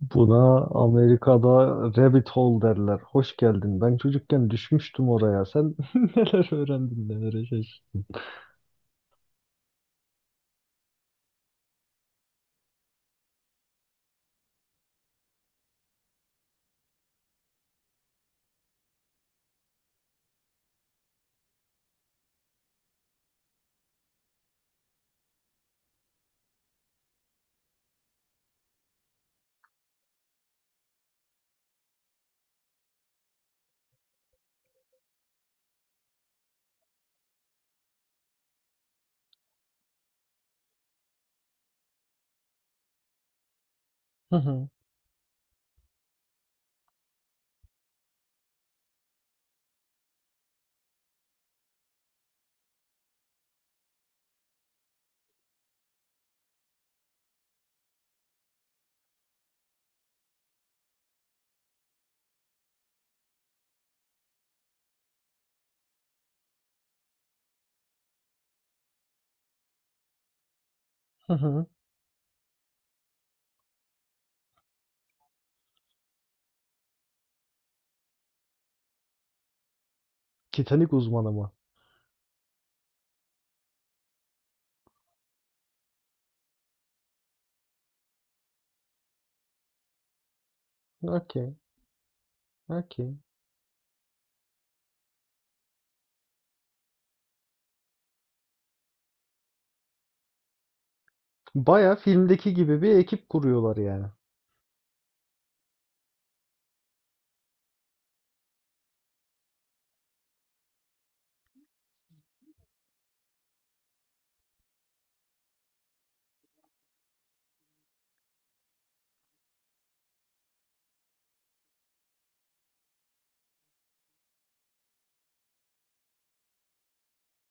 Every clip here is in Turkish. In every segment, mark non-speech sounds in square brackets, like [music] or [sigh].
Buna Amerika'da rabbit hole derler. Hoş geldin. Ben çocukken düşmüştüm oraya. Sen [laughs] neler öğrendin, neler yaşadın? Hı hı, hı hı. Titanik uzmanı mı? Okey, okey. Baya filmdeki gibi bir ekip kuruyorlar yani.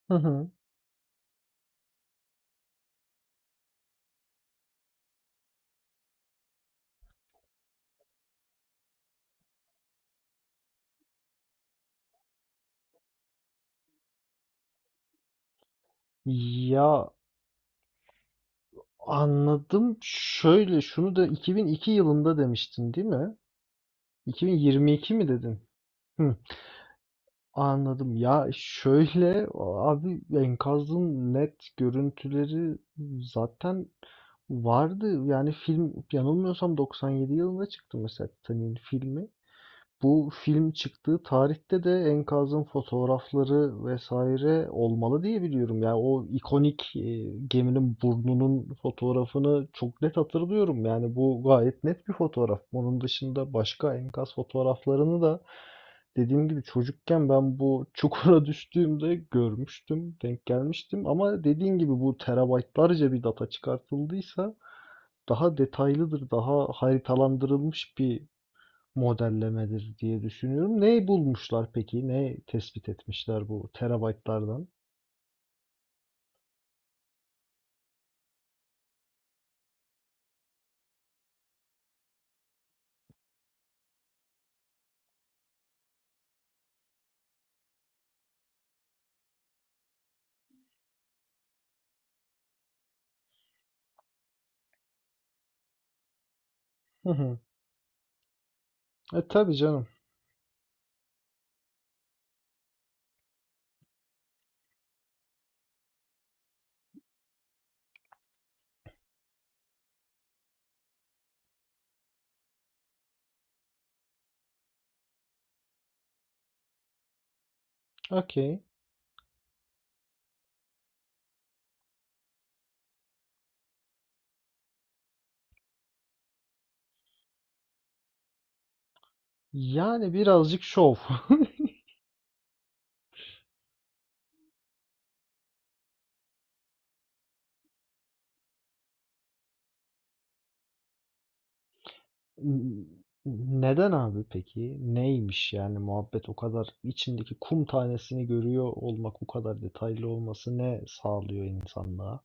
Hı hı. Ya, anladım. Şöyle, şunu da 2002 yılında demiştin değil mi? 2022 mi dedin? Hı. Anladım. Ya, şöyle, abi, enkazın net görüntüleri zaten vardı. Yani film yanılmıyorsam 97 yılında çıktı mesela, Titanic'in filmi. Bu film çıktığı tarihte de enkazın fotoğrafları vesaire olmalı diye biliyorum. Yani o ikonik geminin burnunun fotoğrafını çok net hatırlıyorum. Yani bu gayet net bir fotoğraf. Onun dışında başka enkaz fotoğraflarını da dediğim gibi çocukken ben bu çukura [laughs] düştüğümde görmüştüm, denk gelmiştim. Ama dediğim gibi bu terabaytlarca bir data çıkartıldıysa daha detaylıdır, daha haritalandırılmış bir modellemedir diye düşünüyorum. Neyi bulmuşlar peki? Ne tespit etmişler bu terabaytlardan? Hı hı. E tabii canım. Okey. Yani birazcık şov. [laughs] Neden abi peki? Neymiş yani muhabbet, o kadar içindeki kum tanesini görüyor olmak, bu kadar detaylı olması ne sağlıyor insanlığa?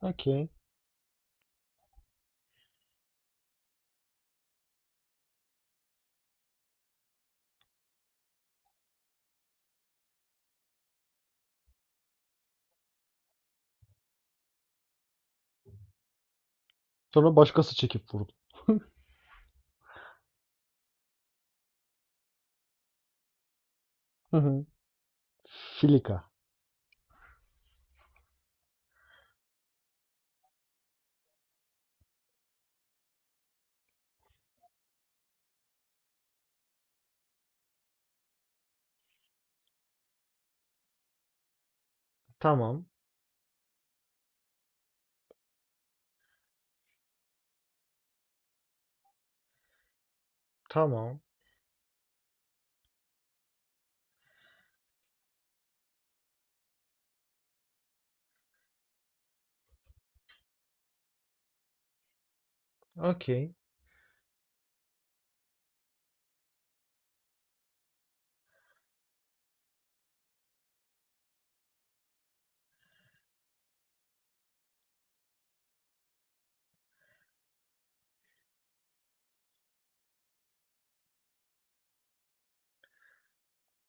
Okey. Sonra başkası çekip vurdu. Hı hı. Filika. Tamam. Tamam. Okey.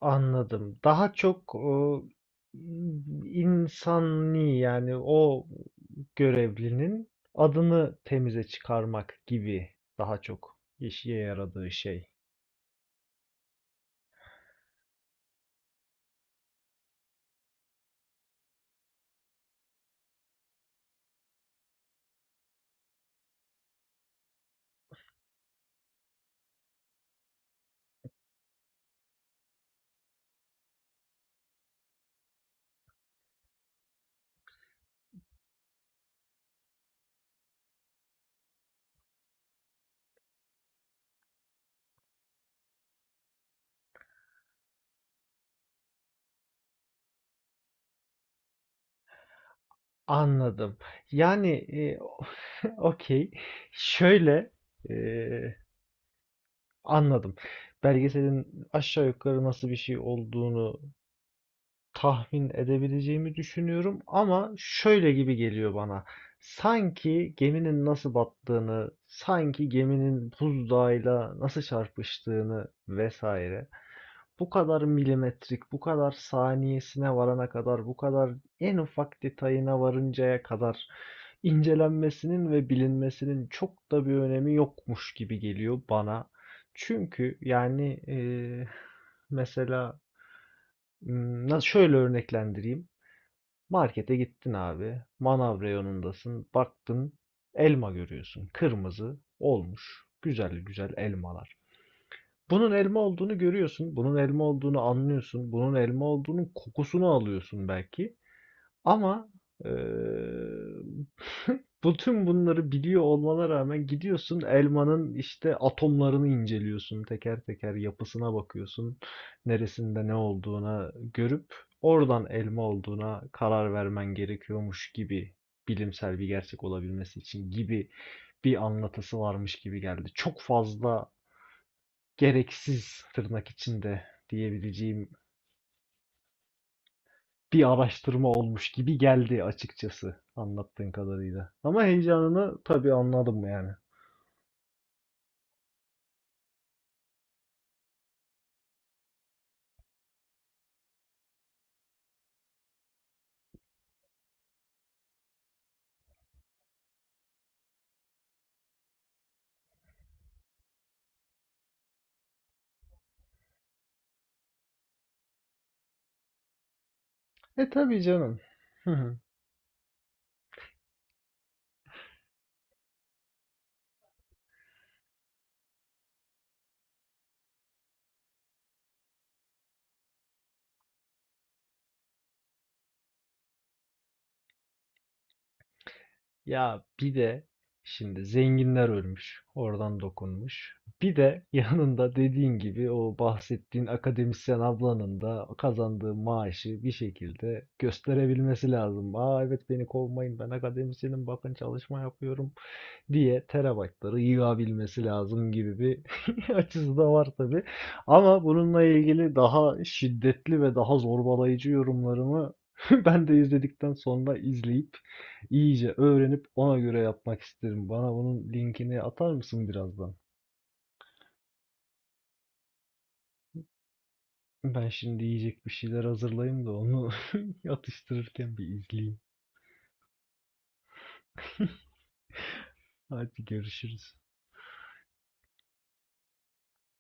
Anladım. Daha çok o insani, yani o görevlinin adını temize çıkarmak gibi daha çok işe yaradığı şey. Anladım. Yani [laughs] okey. Şöyle e, anladım. Belgeselin aşağı yukarı nasıl bir şey olduğunu tahmin edebileceğimi düşünüyorum, ama şöyle gibi geliyor bana. Sanki geminin nasıl battığını, sanki geminin buzdağıyla nasıl çarpıştığını vesaire, bu kadar milimetrik, bu kadar saniyesine varana kadar, bu kadar en ufak detayına varıncaya kadar incelenmesinin ve bilinmesinin çok da bir önemi yokmuş gibi geliyor bana. Çünkü yani mesela, nasıl şöyle örneklendireyim. Markete gittin abi. Manav reyonundasın. Baktın, elma görüyorsun. Kırmızı olmuş. Güzel güzel elmalar. Bunun elma olduğunu görüyorsun. Bunun elma olduğunu anlıyorsun. Bunun elma olduğunun kokusunu alıyorsun belki. Ama eee [laughs] bütün bunları biliyor olmana rağmen gidiyorsun, elmanın işte atomlarını inceliyorsun. Teker teker yapısına bakıyorsun. Neresinde ne olduğuna görüp oradan elma olduğuna karar vermen gerekiyormuş gibi, bilimsel bir gerçek olabilmesi için gibi bir anlatısı varmış gibi geldi. Çok fazla gereksiz, tırnak içinde diyebileceğim bir araştırma olmuş gibi geldi açıkçası anlattığın kadarıyla. Ama heyecanını tabii anladım yani. E tabii canım. Hı hı. Ya bir de şimdi zenginler ölmüş, oradan dokunmuş. Bir de yanında dediğin gibi o bahsettiğin akademisyen ablanın da kazandığı maaşı bir şekilde gösterebilmesi lazım. "Aa evet, beni kovmayın, ben akademisyenim, bakın çalışma yapıyorum," diye terabaytları yığabilmesi lazım gibi bir [laughs] açısı da var tabi. Ama bununla ilgili daha şiddetli ve daha zorbalayıcı yorumlarımı [laughs] ben de izledikten sonra, izleyip iyice öğrenip ona göre yapmak isterim. Bana bunun linkini atar mısın birazdan? Ben şimdi yiyecek bir şeyler hazırlayayım da onu [laughs] atıştırırken bir izleyeyim. [laughs] Hadi, görüşürüz.